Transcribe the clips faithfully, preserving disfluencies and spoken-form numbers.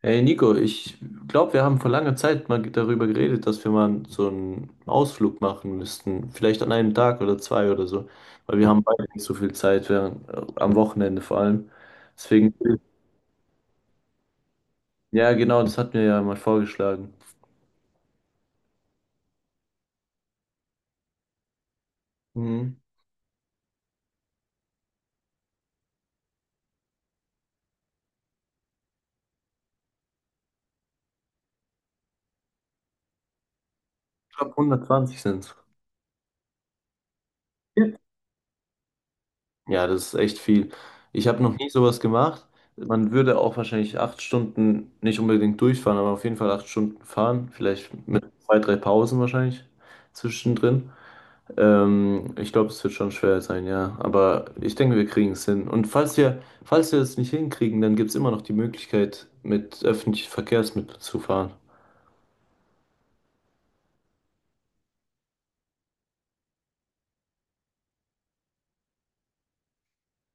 Hey Nico, ich glaube, wir haben vor langer Zeit mal darüber geredet, dass wir mal so einen Ausflug machen müssten. Vielleicht an einem Tag oder zwei oder so. Weil wir haben beide nicht so viel Zeit, während, äh, am Wochenende vor allem. Deswegen, ja genau, das hat mir ja mal vorgeschlagen. Mhm. Ich glaube, hundertzwanzig sind es. Ja, das ist echt viel. Ich habe noch nie sowas gemacht. Man würde auch wahrscheinlich acht Stunden nicht unbedingt durchfahren, aber auf jeden Fall acht Stunden fahren. Vielleicht mit zwei, drei Pausen wahrscheinlich zwischendrin. Ähm, ich glaube, es wird schon schwer sein, ja. Aber ich denke, wir kriegen es hin. Und falls wir, falls wir es nicht hinkriegen, dann gibt es immer noch die Möglichkeit, mit öffentlichen Verkehrsmitteln zu fahren.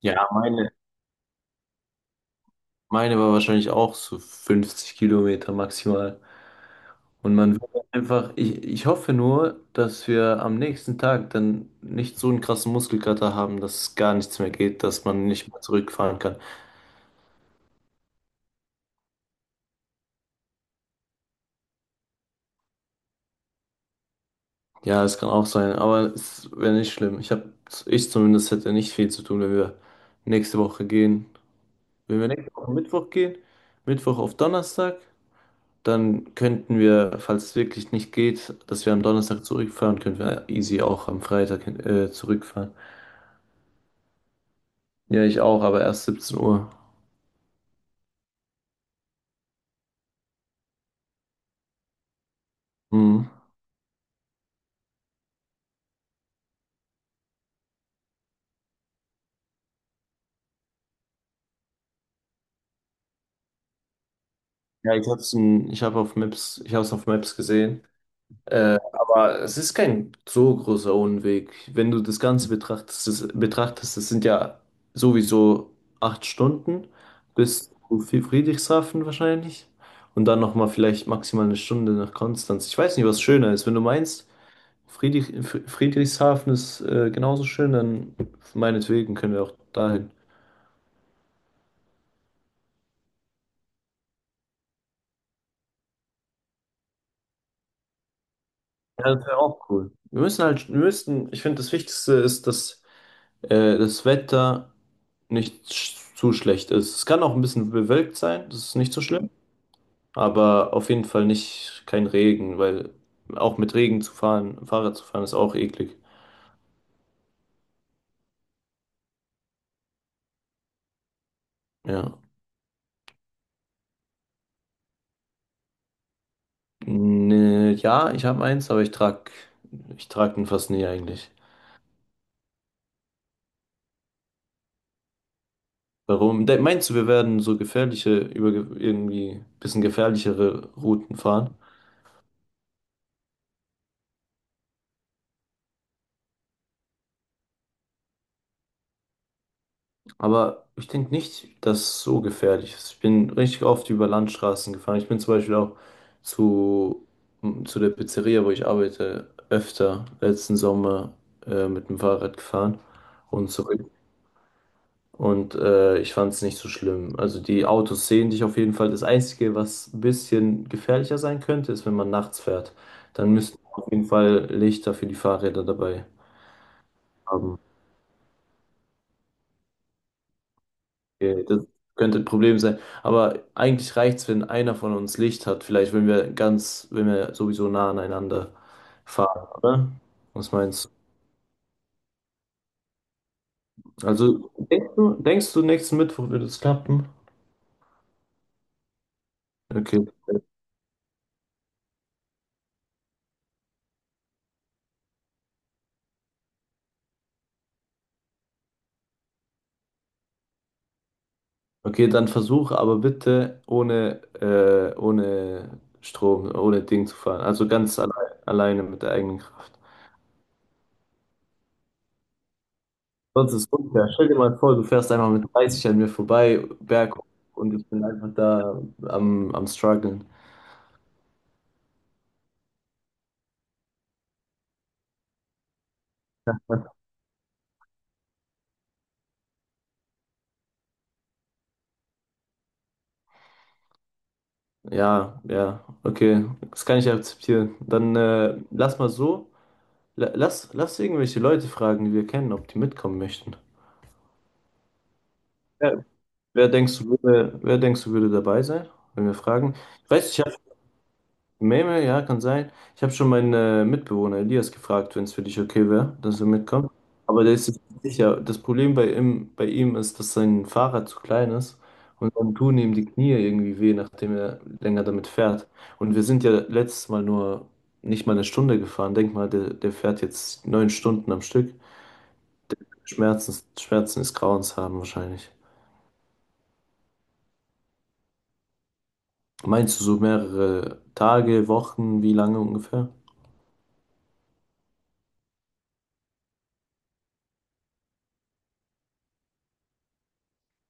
Ja, meine, meine war wahrscheinlich auch so fünfzig Kilometer maximal. Und man wird einfach, ich, ich hoffe nur, dass wir am nächsten Tag dann nicht so einen krassen Muskelkater haben, dass es gar nichts mehr geht, dass man nicht mehr zurückfahren kann. Ja, es kann auch sein, aber es wäre nicht schlimm. Ich hab, ich zumindest hätte nicht viel zu tun, wenn wir nächste Woche gehen. Wenn wir nächste Woche Mittwoch gehen, Mittwoch auf Donnerstag, dann könnten wir, falls es wirklich nicht geht, dass wir am Donnerstag zurückfahren, könnten wir easy auch am Freitag äh, zurückfahren. Ja, ich auch, aber erst siebzehn Uhr. Mhm. Ja, ich hab's, in- ich hab auf Maps, ich hab's auf Maps gesehen. Äh, aber es ist kein so großer Unweg. Wenn du das Ganze betrachtest, das, betrachtest, das sind ja sowieso acht Stunden bis zu Friedrichshafen wahrscheinlich. Und dann nochmal vielleicht maximal eine Stunde nach Konstanz. Ich weiß nicht, was schöner ist. Wenn du meinst, Friedrich, Fr- Friedrichshafen ist äh, genauso schön, dann meinetwegen können wir auch dahin. Ja, das wäre auch cool. Wir müssen halt, wir müssen, ich finde, das Wichtigste ist, dass äh, das Wetter nicht sch- zu schlecht ist. Es kann auch ein bisschen bewölkt sein, das ist nicht so schlimm, aber auf jeden Fall nicht kein Regen, weil auch mit Regen zu fahren, Fahrrad zu fahren, ist auch eklig. Ja. Nee, ja, ich habe eins, aber ich trag, ich trag den fast nie eigentlich. Warum? De Meinst du, wir werden so gefährliche, über irgendwie bisschen gefährlichere Routen fahren? Aber ich denke nicht, dass es so gefährlich ist. Ich bin richtig oft über Landstraßen gefahren. Ich bin zum Beispiel auch zu, hm, zu der Pizzeria, wo ich arbeite, öfter letzten Sommer äh, mit dem Fahrrad gefahren und zurück. Und äh, ich fand es nicht so schlimm. Also die Autos sehen dich auf jeden Fall. Das Einzige, was ein bisschen gefährlicher sein könnte, ist, wenn man nachts fährt. Dann müssten wir auf jeden Fall Lichter für die Fahrräder dabei haben. Okay, das könnte ein Problem sein. Aber eigentlich reicht es, wenn einer von uns Licht hat. Vielleicht, wenn wir ganz, wenn wir sowieso nah aneinander fahren, oder? Was meinst du? Also, denkst du, denkst du, nächsten Mittwoch wird es klappen? Okay. Okay, dann versuch aber bitte ohne, äh, ohne Strom, ohne Ding zu fahren. Also ganz allein, alleine mit der eigenen Kraft. Sonst ist es unfair. Stell dir mal vor, du fährst einfach mit dreißig an mir vorbei, berg und ich bin einfach da am, am Struggeln. Ja, ja, okay. Das kann ich akzeptieren. Dann äh, lass mal so. La- Lass, lass irgendwelche Leute fragen, die wir kennen, ob die mitkommen möchten. Wer, wer denkst du würde, wer denkst du würde dabei sein, wenn wir fragen? Ich weiß, ich Meme, ja, kann sein. Ich habe schon meinen äh, Mitbewohner Elias gefragt, wenn es für dich okay wäre, dass er mitkommt. Aber der ist sich nicht sicher. Das Problem bei ihm, bei ihm ist, dass sein Fahrrad zu klein ist und dann tun ihm die Knie irgendwie weh, nachdem er länger damit fährt. Und wir sind ja letztes Mal nur nicht mal eine Stunde gefahren. Denk mal, der, der fährt jetzt neun Stunden am Stück. Schmerzen, Schmerzen ist Grauenshaben wahrscheinlich. Meinst du so mehrere Tage, Wochen, wie lange ungefähr?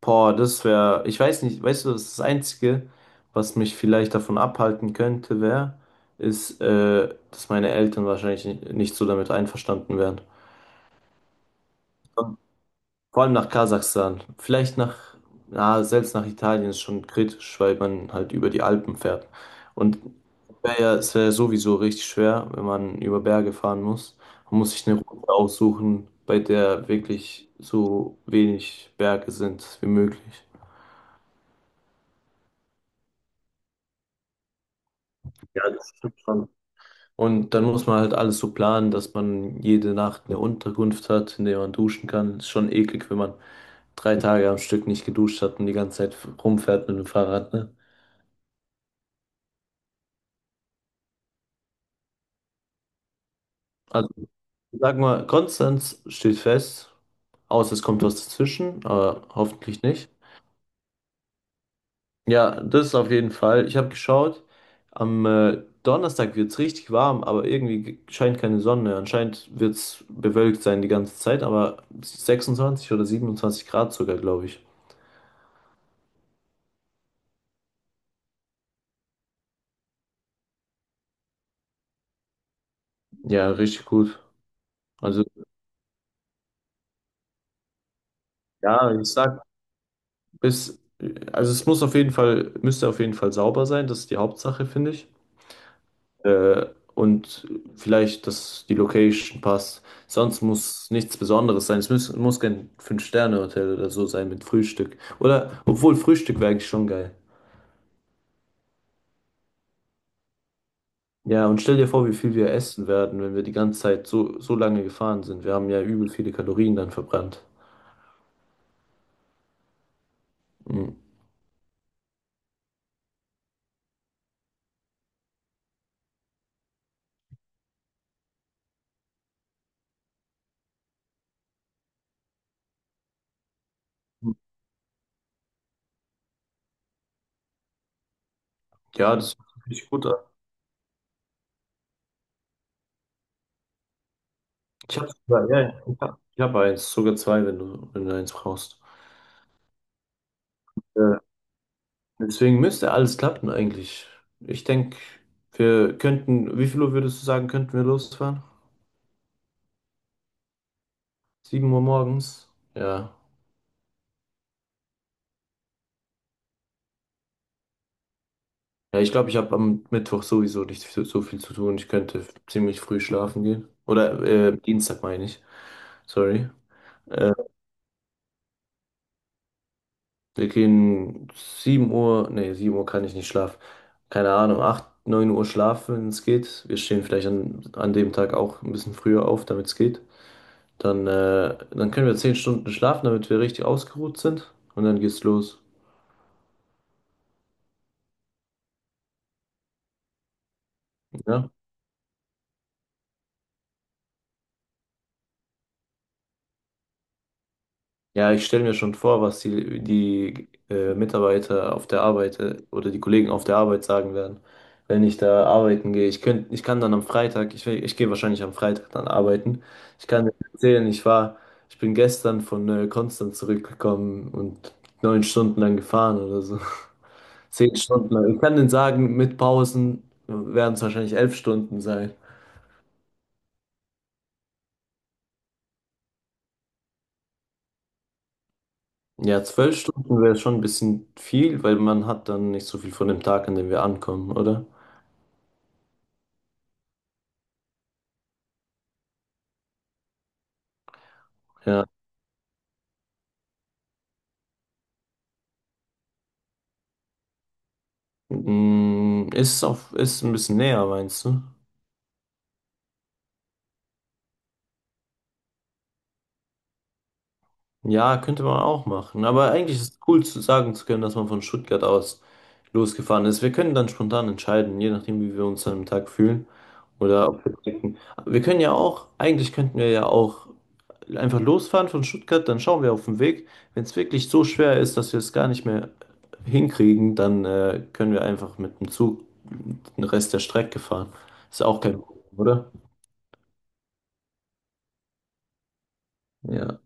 Boah, das wäre, ich weiß nicht, weißt du, das ist das Einzige, was mich vielleicht davon abhalten könnte, wäre, ist, äh, dass meine Eltern wahrscheinlich nicht, nicht so damit einverstanden wären. Und vor allem nach Kasachstan. Vielleicht nach, na, selbst nach Italien ist schon kritisch, weil man halt über die Alpen fährt. Und wär ja, es wäre sowieso richtig schwer, wenn man über Berge fahren muss. Man muss sich eine Route aussuchen, bei der wirklich so wenig Berge sind wie möglich. Ja, das stimmt schon. Und dann muss man halt alles so planen, dass man jede Nacht eine Unterkunft hat, in der man duschen kann. Ist schon eklig, wenn man drei Tage am Stück nicht geduscht hat und die ganze Zeit rumfährt mit dem Fahrrad, ne? Also, sag mal, Konstanz steht fest, außer es kommt was dazwischen, aber hoffentlich nicht. Ja, das ist auf jeden Fall. Ich habe geschaut, am äh, Donnerstag wird es richtig warm, aber irgendwie g- scheint keine Sonne. Anscheinend wird es bewölkt sein die ganze Zeit, aber sechsundzwanzig oder siebenundzwanzig Grad sogar, glaube ich. Ja, richtig gut. Also, ja, ich sag, bis, also es muss auf jeden Fall, müsste auf jeden Fall sauber sein, das ist die Hauptsache, finde ich. Äh, und vielleicht, dass die Location passt. Sonst muss nichts Besonderes sein. Es muss, muss kein Fünf-Sterne-Hotel oder so sein mit Frühstück. Oder, obwohl Frühstück wäre eigentlich schon geil. Ja, und stell dir vor, wie viel wir essen werden, wenn wir die ganze Zeit so, so lange gefahren sind. Wir haben ja übel viele Kalorien dann verbrannt. Mhm. Ja, das hört sich gut an. Ich habe sogar, ja, ja, ich hab, ich hab eins, sogar zwei, wenn du, wenn du eins brauchst. Äh, Deswegen müsste alles klappen eigentlich. Ich denke, wir könnten, wie viel Uhr würdest du sagen, könnten wir losfahren? Sieben Uhr morgens? Ja. Ja, ich glaube, ich habe am Mittwoch sowieso nicht so, so viel zu tun. Ich könnte ziemlich früh schlafen gehen. Oder äh, Dienstag meine ich. Sorry. Äh, Wir gehen sieben Uhr, nee, sieben Uhr kann ich nicht schlafen. Keine Ahnung, acht neun Uhr schlafen, wenn es geht. Wir stehen vielleicht an, an dem Tag auch ein bisschen früher auf, damit es geht. Dann, äh, dann können wir zehn Stunden schlafen, damit wir richtig ausgeruht sind. Und dann geht's los. Ja? Ja, ich stelle mir schon vor, was die, die äh, Mitarbeiter auf der Arbeit äh, oder die Kollegen auf der Arbeit sagen werden, wenn ich da arbeiten gehe. Ich könnt, ich kann dann am Freitag, ich, ich gehe wahrscheinlich am Freitag dann arbeiten. Ich kann dir erzählen, ich war, ich bin gestern von äh, Konstanz zurückgekommen und neun Stunden lang gefahren oder so. Zehn Stunden lang. Ich kann denen sagen, mit Pausen werden es wahrscheinlich elf Stunden sein. Ja, zwölf Stunden wäre schon ein bisschen viel, weil man hat dann nicht so viel von dem Tag, an dem wir ankommen, oder? Ja. Mm, Ist auf, ist ein bisschen näher, meinst du? Ja, könnte man auch machen. Aber eigentlich ist es cool zu sagen zu können, dass man von Stuttgart aus losgefahren ist. Wir können dann spontan entscheiden, je nachdem, wie wir uns an dem Tag fühlen. Oder ob wir denken. Wir können ja auch, eigentlich könnten wir ja auch einfach losfahren von Stuttgart, dann schauen wir auf den Weg. Wenn es wirklich so schwer ist, dass wir es gar nicht mehr hinkriegen, dann äh, können wir einfach mit dem Zug den Rest der Strecke fahren. Ist auch kein Problem, oder? Ja.